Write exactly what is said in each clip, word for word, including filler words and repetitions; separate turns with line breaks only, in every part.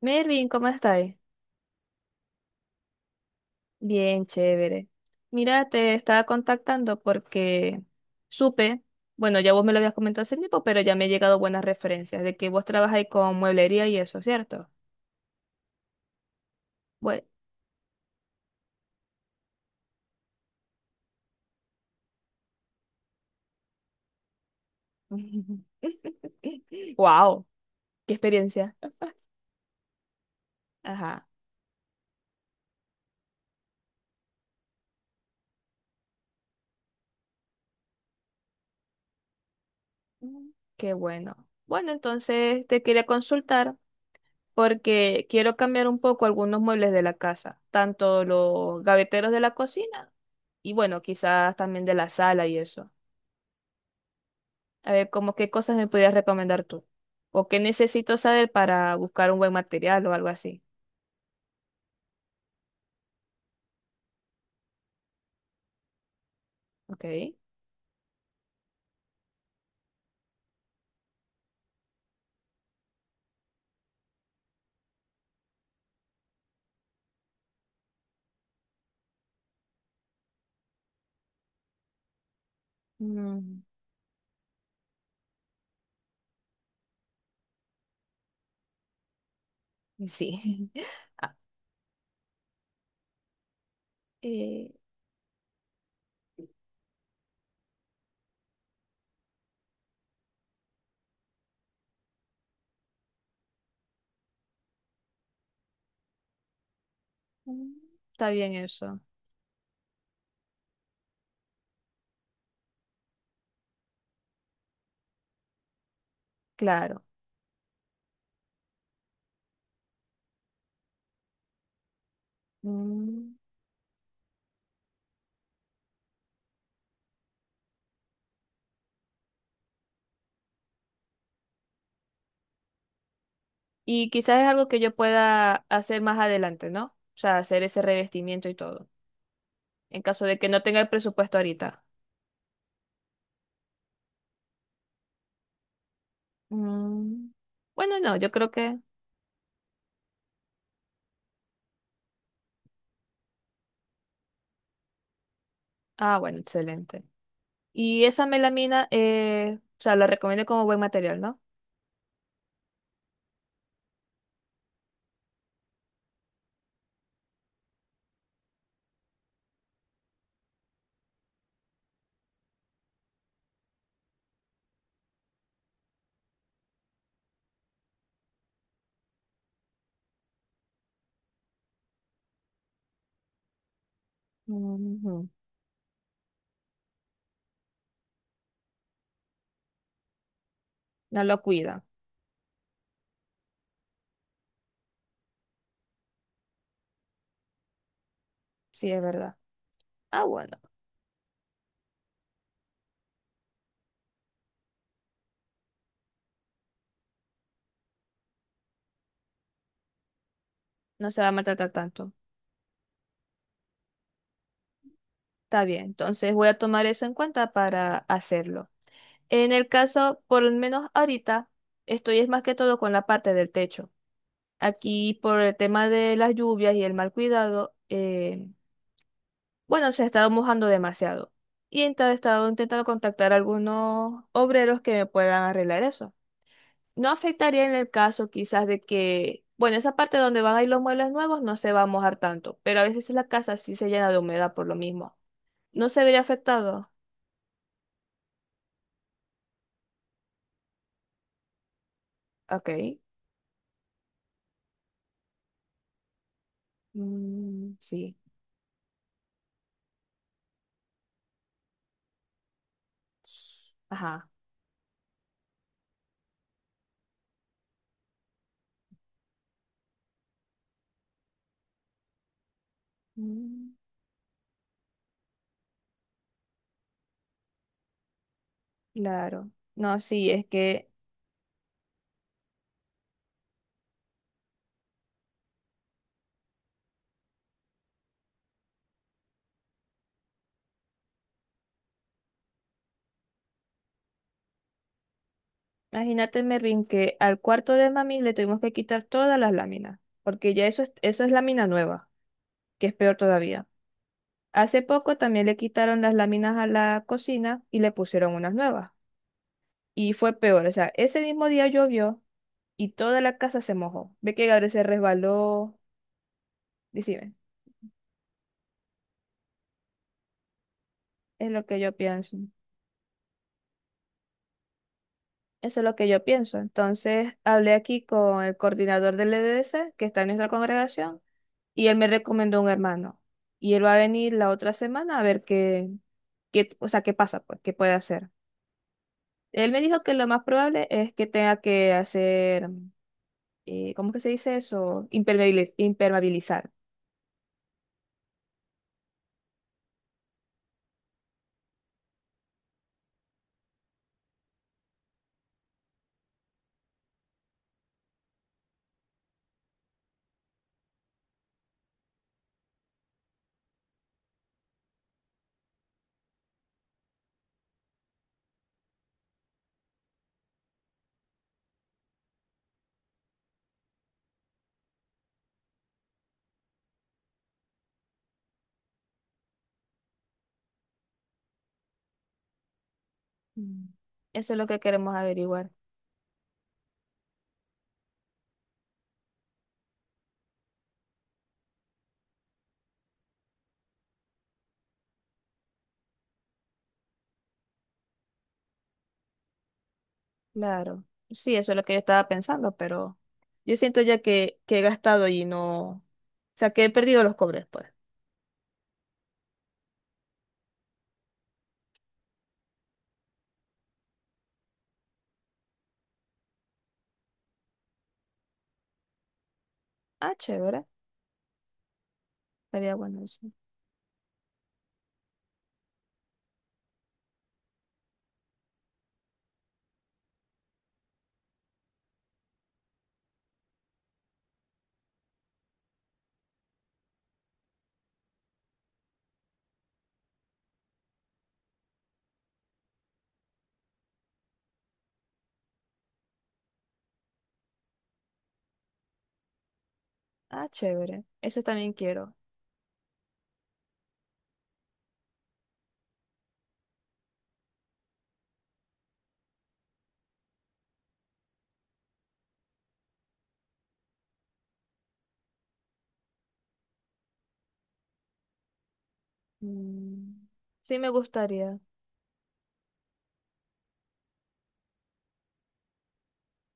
Mervin, ¿cómo estáis? Bien, chévere. Mira, te estaba contactando porque supe, bueno, ya vos me lo habías comentado hace tiempo, pero ya me han llegado buenas referencias de que vos trabajáis con mueblería y eso, ¿cierto? Bueno. Wow, qué experiencia. Ajá. Mm. Qué bueno. Bueno, entonces te quería consultar porque quiero cambiar un poco algunos muebles de la casa, tanto los gaveteros de la cocina y bueno, quizás también de la sala y eso. A ver, como qué cosas me podrías recomendar tú. O qué necesito saber para buscar un buen material o algo así. Ok. Mm, sí. Ah, eh, mm, está bien eso. Claro. Mm, y quizás es algo que yo pueda hacer más adelante, ¿no? O sea, hacer ese revestimiento y todo. En caso de que no tenga el presupuesto ahorita. Mm, Bueno, no, yo creo que. Ah, bueno, excelente. Y esa melamina, eh, o sea, la recomiendo como buen material, ¿no? Ujú. No lo cuida. Sí, es verdad. Ah, bueno, no se va a maltratar tanto. Está bien, entonces voy a tomar eso en cuenta para hacerlo. En el caso, por lo menos ahorita, estoy es más que todo con la parte del techo. Aquí por el tema de las lluvias y el mal cuidado, eh, bueno, se ha estado mojando demasiado. Y ent- he estado intentando contactar a algunos obreros que me puedan arreglar eso. No afectaría en el caso quizás de que, bueno, esa parte donde van a ir los muebles nuevos no se va a mojar tanto, pero a veces la casa sí se llena de humedad por lo mismo. ¿No se vería afectado? Ok. Mm, sí. Ajá. Mm, claro. No, sí, es que imagínate, Mervin, que al cuarto de mami le tuvimos que quitar todas las láminas, porque ya eso es, eso es lámina nueva, que es peor todavía. Hace poco también le quitaron las láminas a la cocina y le pusieron unas nuevas. Y fue peor, o sea, ese mismo día llovió y toda la casa se mojó. Ve que Gabriel se resbaló. Decime, es lo que yo pienso. Eso es lo que yo pienso. Entonces hablé aquí con el coordinador del E D C, que está en nuestra congregación, y él me recomendó un hermano. Y él va a venir la otra semana a ver qué, qué, o sea, qué pasa, pues, qué puede hacer. Él me dijo que lo más probable es que tenga que hacer, eh, ¿cómo que se dice eso? Impermeabili- impermeabilizar. Mm. Eso es lo que queremos averiguar, claro. Sí, eso es lo que yo estaba pensando, pero yo siento ya que, que he gastado y no, o sea, que he perdido los cobres, pues. Ah, chévere, estaría bueno eso. Ah, chévere, eso también quiero. Mm, sí, me gustaría.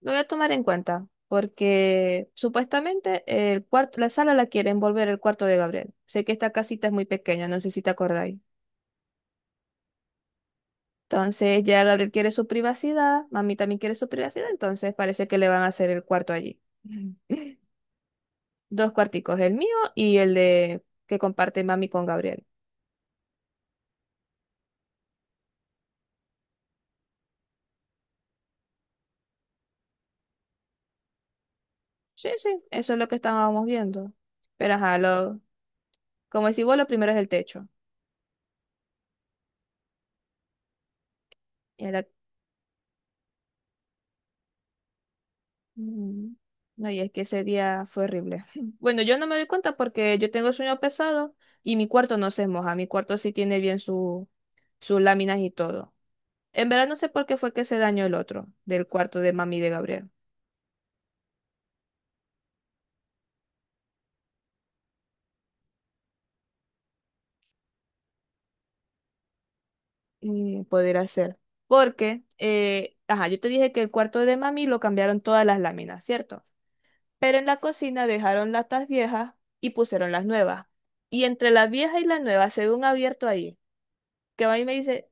Lo voy a tomar en cuenta, porque supuestamente el cuarto, la sala la quieren volver el cuarto de Gabriel. Sé que esta casita es muy pequeña, no sé si te acordáis. Entonces ya Gabriel quiere su privacidad, mami también quiere su privacidad, entonces parece que le van a hacer el cuarto allí. Dos cuarticos, el mío y el de que comparte mami con Gabriel. Sí, sí, eso es lo que estábamos viendo. Pero ajá, lo, como decís vos, lo primero es el techo. Y era- mm, no, y es que ese día fue horrible. Bueno, yo no me doy cuenta porque yo tengo sueño pesado y mi cuarto no se moja. Mi cuarto sí tiene bien su, sus láminas y todo. En verdad no sé por qué fue que se dañó el otro del cuarto de mami de Gabriel. Y poder hacer. Porque, eh, ajá, yo te dije que el cuarto de mami lo cambiaron todas las láminas, ¿cierto? Pero en la cocina dejaron latas viejas y pusieron las nuevas. Y entre la vieja y la nueva se ve un abierto ahí. Que a mí me dice,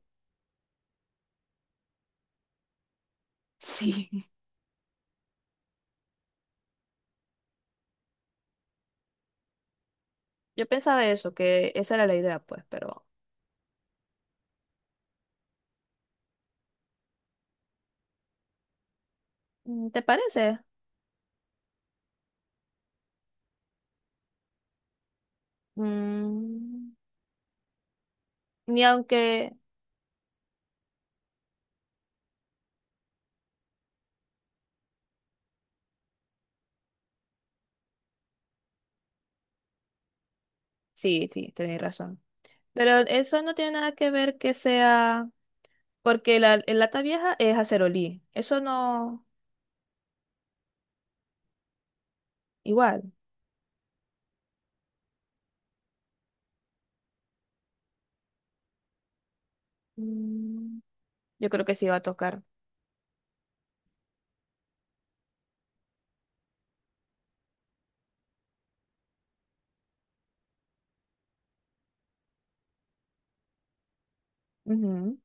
sí. Yo pensaba eso, que esa era la idea, pues, pero mm, ¿te parece? Mm, ni aunque... Sí, sí, tenéis razón. Pero eso no tiene nada que ver que sea. Porque la, el lata vieja es acerolí. Eso no, igual. Mm, yo creo que sí va a tocar. Ujú.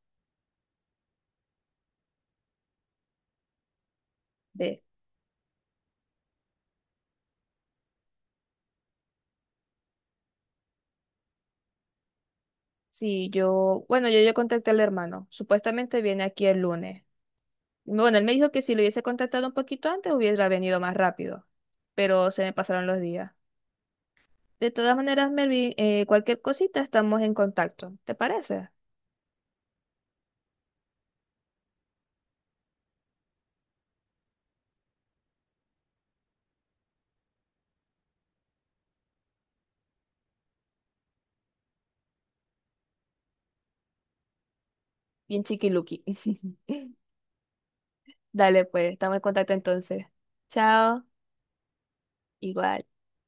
Ve. Sí, yo, bueno, yo ya contacté al hermano. Supuestamente viene aquí el lunes. Bueno, él me dijo que si lo hubiese contactado un poquito antes hubiera venido más rápido. Pero se me pasaron los días. De todas maneras, Melvin, eh, cualquier cosita estamos en contacto. ¿Te parece? Bien chiquiluki. Dale, pues, estamos en contacto entonces. Chao. Igual.